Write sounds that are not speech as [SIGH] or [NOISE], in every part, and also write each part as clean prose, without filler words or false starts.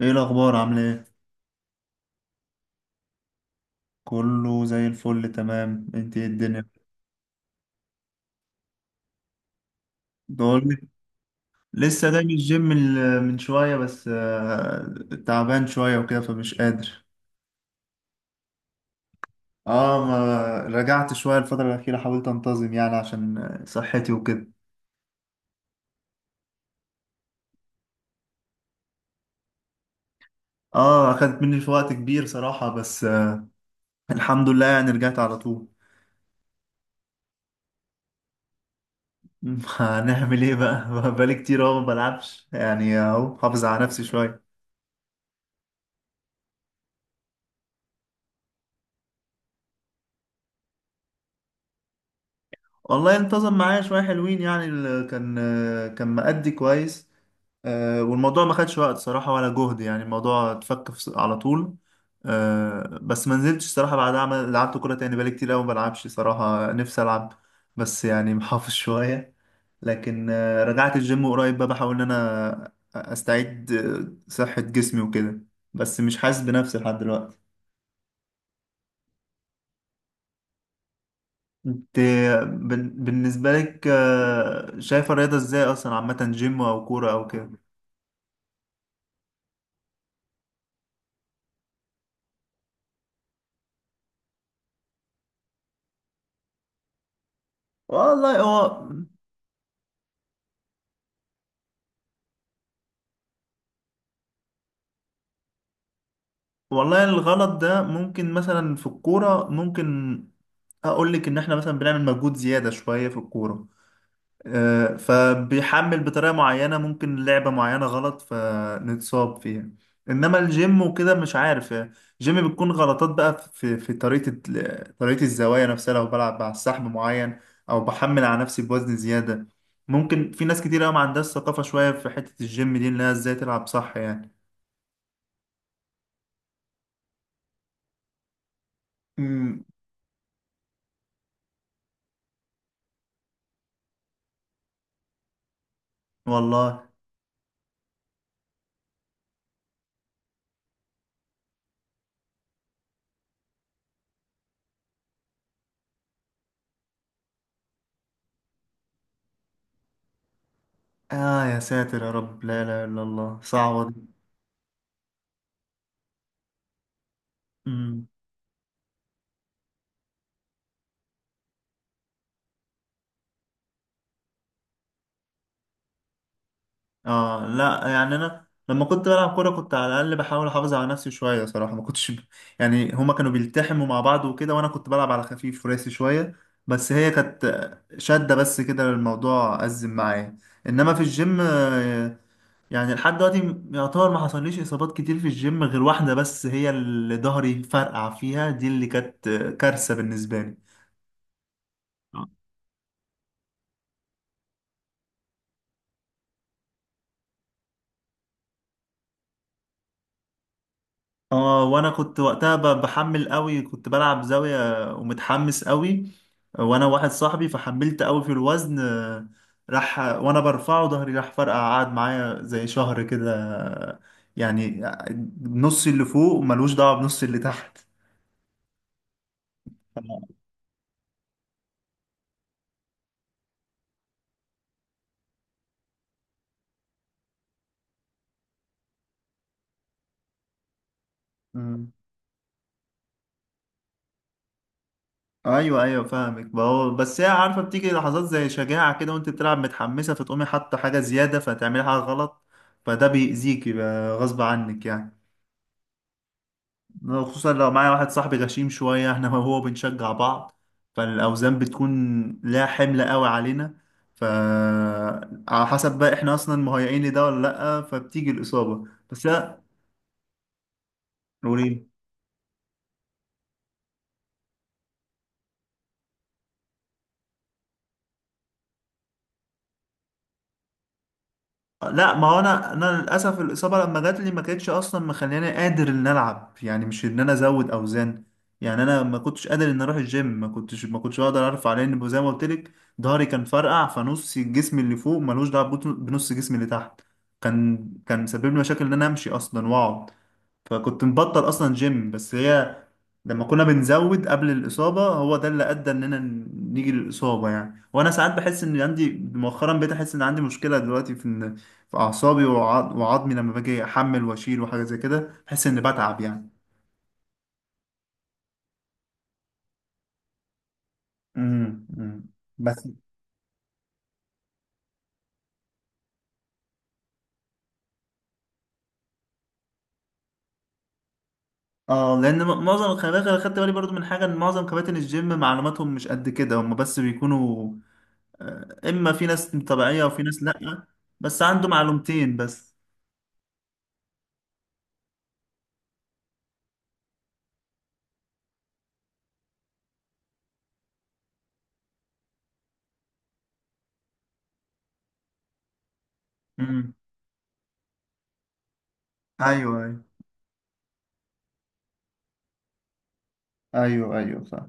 ايه الاخبار؟ عامله ايه؟ كله زي الفل. تمام انت؟ ايه الدنيا دول؟ لسه جاي من الجيم من شويه بس تعبان شويه وكده فمش قادر. اه، ما رجعت شويه الفتره الاخيره، حاولت انتظم يعني عشان صحتي وكده. اه، اخدت مني في وقت كبير صراحه، بس الحمد لله يعني رجعت على طول. [LAUGHS] هنعمل ايه بقى؟ [LAUGHS] بقالي كتير اهو ما بلعبش يعني، اهو حافظ على نفسي شويه. والله انتظم معايا شويه حلوين يعني، كان كان مأدي كويس. والموضوع ما خدش وقت صراحة ولا جهد، يعني الموضوع اتفك على طول. بس ما نزلتش صراحة بعدها، عمل لعبت كورة تاني بقالي كتير أوي ما بلعبش صراحة، نفسي ألعب بس يعني [LAUGHS] محافظ شوية. لكن رجعت الجيم قريب بقى، بحاول إن أنا أستعيد صحة جسمي وكده، بس مش حاسس بنفسي لحد دلوقتي. انت، بالنسبة لك شايفة الرياضة ازاي أصلا، عامة جيم أو كورة أو كده؟ والله هو. والله الغلط ده ممكن مثلا في الكورة، ممكن اقول لك ان احنا مثلا بنعمل مجهود زيادة شوية في الكورة، فبيحمل بطريقة معينة، ممكن لعبة معينة غلط فنتصاب فيها. انما الجيم وكده مش عارف، الجيم بتكون غلطات بقى في طريقة طريقة الزوايا نفسها، لو بلعب على سحب معين او بحمل على نفسي بوزن زيادة. ممكن في ناس كتير قوي ما عندهاش ثقافة شوية في حتة الجيم دي، انها ازاي تلعب صح يعني. امم. والله. آه يا ساتر، يا رب، لا إله إلا الله، صعبة دي. أمم. آه لا، يعني أنا لما كنت بلعب كورة كنت على الأقل بحاول أحافظ على نفسي شوية صراحة، ما كنتش ب... يعني هما كانوا بيلتحموا مع بعض وكده، وأنا كنت بلعب على خفيف وراسي شوية، بس هي كانت شدة بس كده الموضوع أزم معايا. إنما في الجيم يعني لحد دلوقتي يعتبر ما حصليش إصابات كتير في الجيم غير واحدة بس، هي اللي ظهري فرقع فيها، دي اللي كانت كارثة بالنسبة لي. اه، وانا كنت وقتها بحمل قوي، كنت بلعب زاوية ومتحمس قوي وانا واحد صاحبي، فحملت قوي في الوزن راح، وانا برفعه ظهري راح فرقع، قعد معايا زي شهر كده يعني نص اللي فوق ملوش دعوة بنص اللي تحت. مم. ايوه ايوه فاهمك، ما هو بس هي عارفه بتيجي لحظات زي شجاعه كده وانت بتلعب متحمسه، فتقومي حاطه حاجه زياده فتعملي حاجه غلط، فده بيأذيكي بقى غصب عنك يعني. خصوصا لو معايا واحد صاحبي غشيم شوية، احنا وهو بنشجع بعض، فالأوزان بتكون لا، حمل قوي علينا. ف على حسب بقى احنا اصلا مهيئين لده ولا لأ، فبتيجي الإصابة. بس لا. قولي. لا، ما هو انا للاسف الاصابه لما جات لي ما كانتش اصلا مخلياني قادر ان العب يعني، مش ان انا ازود اوزان. يعني انا ما كنتش قادر ان اروح الجيم، ما كنتش اقدر ارفع، لان زي ما قلت لك ظهري كان فرقع، فنص الجسم اللي فوق ملوش دعوه بنص جسمي اللي تحت. كان سبب لي مشاكل ان انا امشي اصلا واقعد، فكنت مبطل اصلا جيم. بس هي لما كنا بنزود قبل الاصابه، هو ده اللي ادى اننا نيجي للاصابه يعني. وانا ساعات بحس ان عندي، مؤخرا بقيت احس ان عندي مشكله دلوقتي في إن في اعصابي وعظمي، لما باجي احمل واشيل وحاجه زي كده بحس اني بتعب يعني. امم. بس اه لان معظم، خلي بالك انا خدت بالي برضو من حاجه ان معظم كباتن الجيم معلوماتهم مش قد كده، هم بس بيكونوا اما في ناس طبيعيه وفي ناس لا، بس عنده معلومتين بس. امم. ايوه ايوه صح.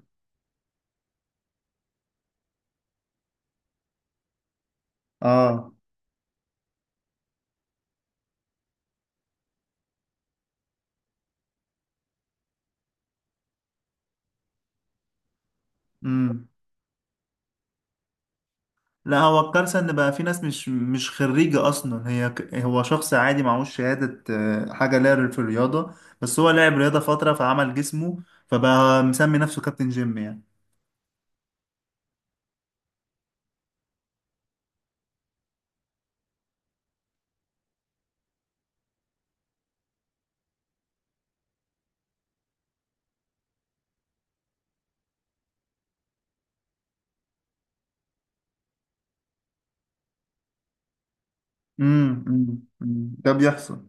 اه. امم. لا هو الكارثه ان بقى في ناس مش خريجه اصلا، هي هو شخص عادي معهوش شهاده حاجه لا في الرياضه، بس هو لعب رياضه فتره فعمل جسمه، فبقى مسمي نفسه كابتن جيم يعني. امم، أمم. أمم. ده بيحصل.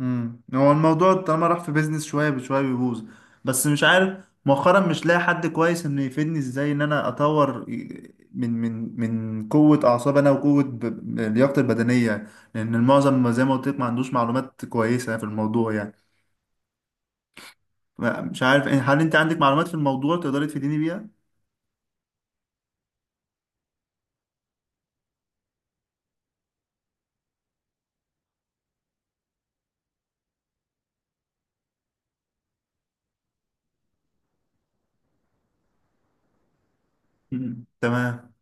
امم، هو الموضوع طالما راح في بيزنس شويه بشويه بيبوظ. بس مش عارف مؤخرا مش لاقي حد كويس انه يفيدني ازاي ان انا اطور من قوه اعصاب انا وقوه لياقتي البدنيه، لان المعظم زي ما قلت لك ما عندوش معلومات كويسه في الموضوع يعني. مش عارف هل انت عندك معلومات في الموضوع تقدري تفيديني بيها؟ مم. تمام.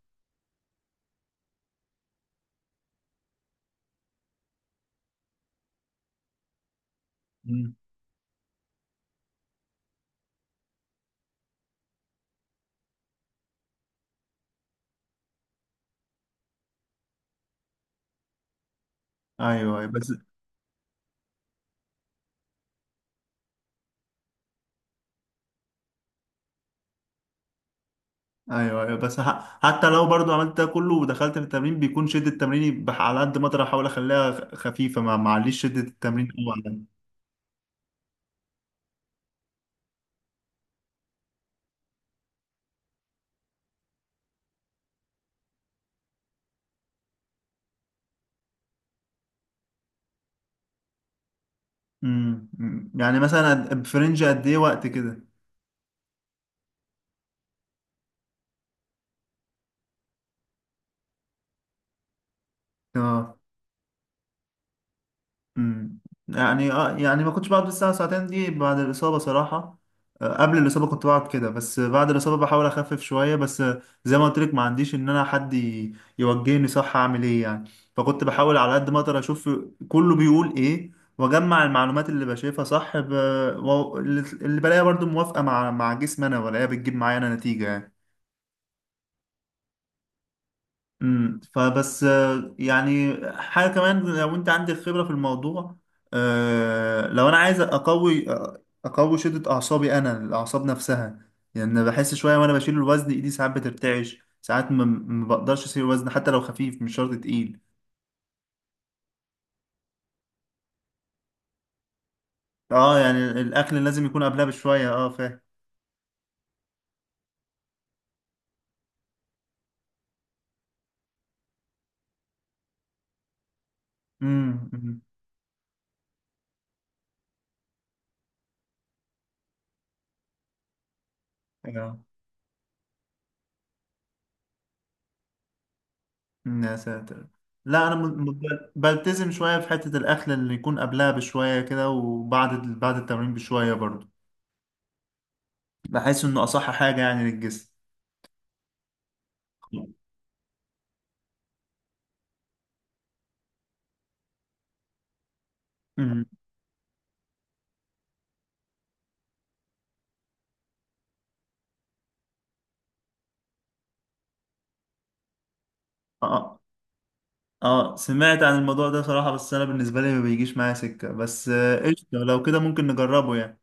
مم. ايوه، أيوة. بس ايوه ايوه، بس حتى لو برضو عملت ده كله ودخلت في التمرين بيكون شده تمريني على قد ما اقدر احاول اخليها خفيفه، ما معليش شده التمرين قوي عليا. امم، أمم. يعني مثلا في رينج قد ايه وقت كده؟ اه. مم. يعني اه، يعني ما كنتش بقعد الساعة ساعتين دي بعد الإصابة صراحة، قبل الإصابة كنت بقعد كده، بس بعد الإصابة بحاول أخفف شوية، بس زي ما قلت لك ما عنديش إن أنا حد يوجهني صح أعمل إيه يعني، فكنت بحاول على قد ما أقدر أشوف كله بيقول إيه وأجمع المعلومات اللي بشايفها صح ب... اللي بلاقيها برضو موافقة مع جسمي أنا، ولاقيها بتجيب معايا أنا نتيجة يعني. امم، فبس يعني حاجه كمان لو انت عندك خبره في الموضوع، لو انا عايز اقوي اقوي شده اعصابي انا، الاعصاب نفسها. يعني أنا بحس شويه وانا بشيل الوزن، ايدي ساعات بترتعش، ساعات ما بقدرش اشيل الوزن حتى لو خفيف، مش شرط تقيل. اه، يعني الاكل لازم يكون قبلها بشويه، اه فاهم. امم، أمم. آه. أمم، يا ساتر. لا انا بلتزم شويه في حته الاكل اللي يكون قبلها بشويه كده، وبعد التمرين بشويه برضه، بحس انه اصح حاجه يعني للجسم. امم. اه، اه، سمعت عن الموضوع ده صراحه، بس انا بالنسبه لي ما بيجيش معايا سكه، بس قشطه لو كده ممكن نجربه يعني.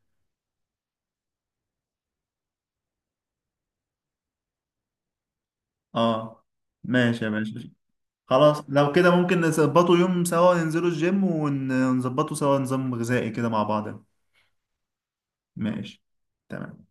اه، ماشي يا باشا. خلاص لو كده ممكن نظبطه يوم سوا، ننزله الجيم ونظبطه سوا نظام غذائي كده مع بعض. ماشي. تمام.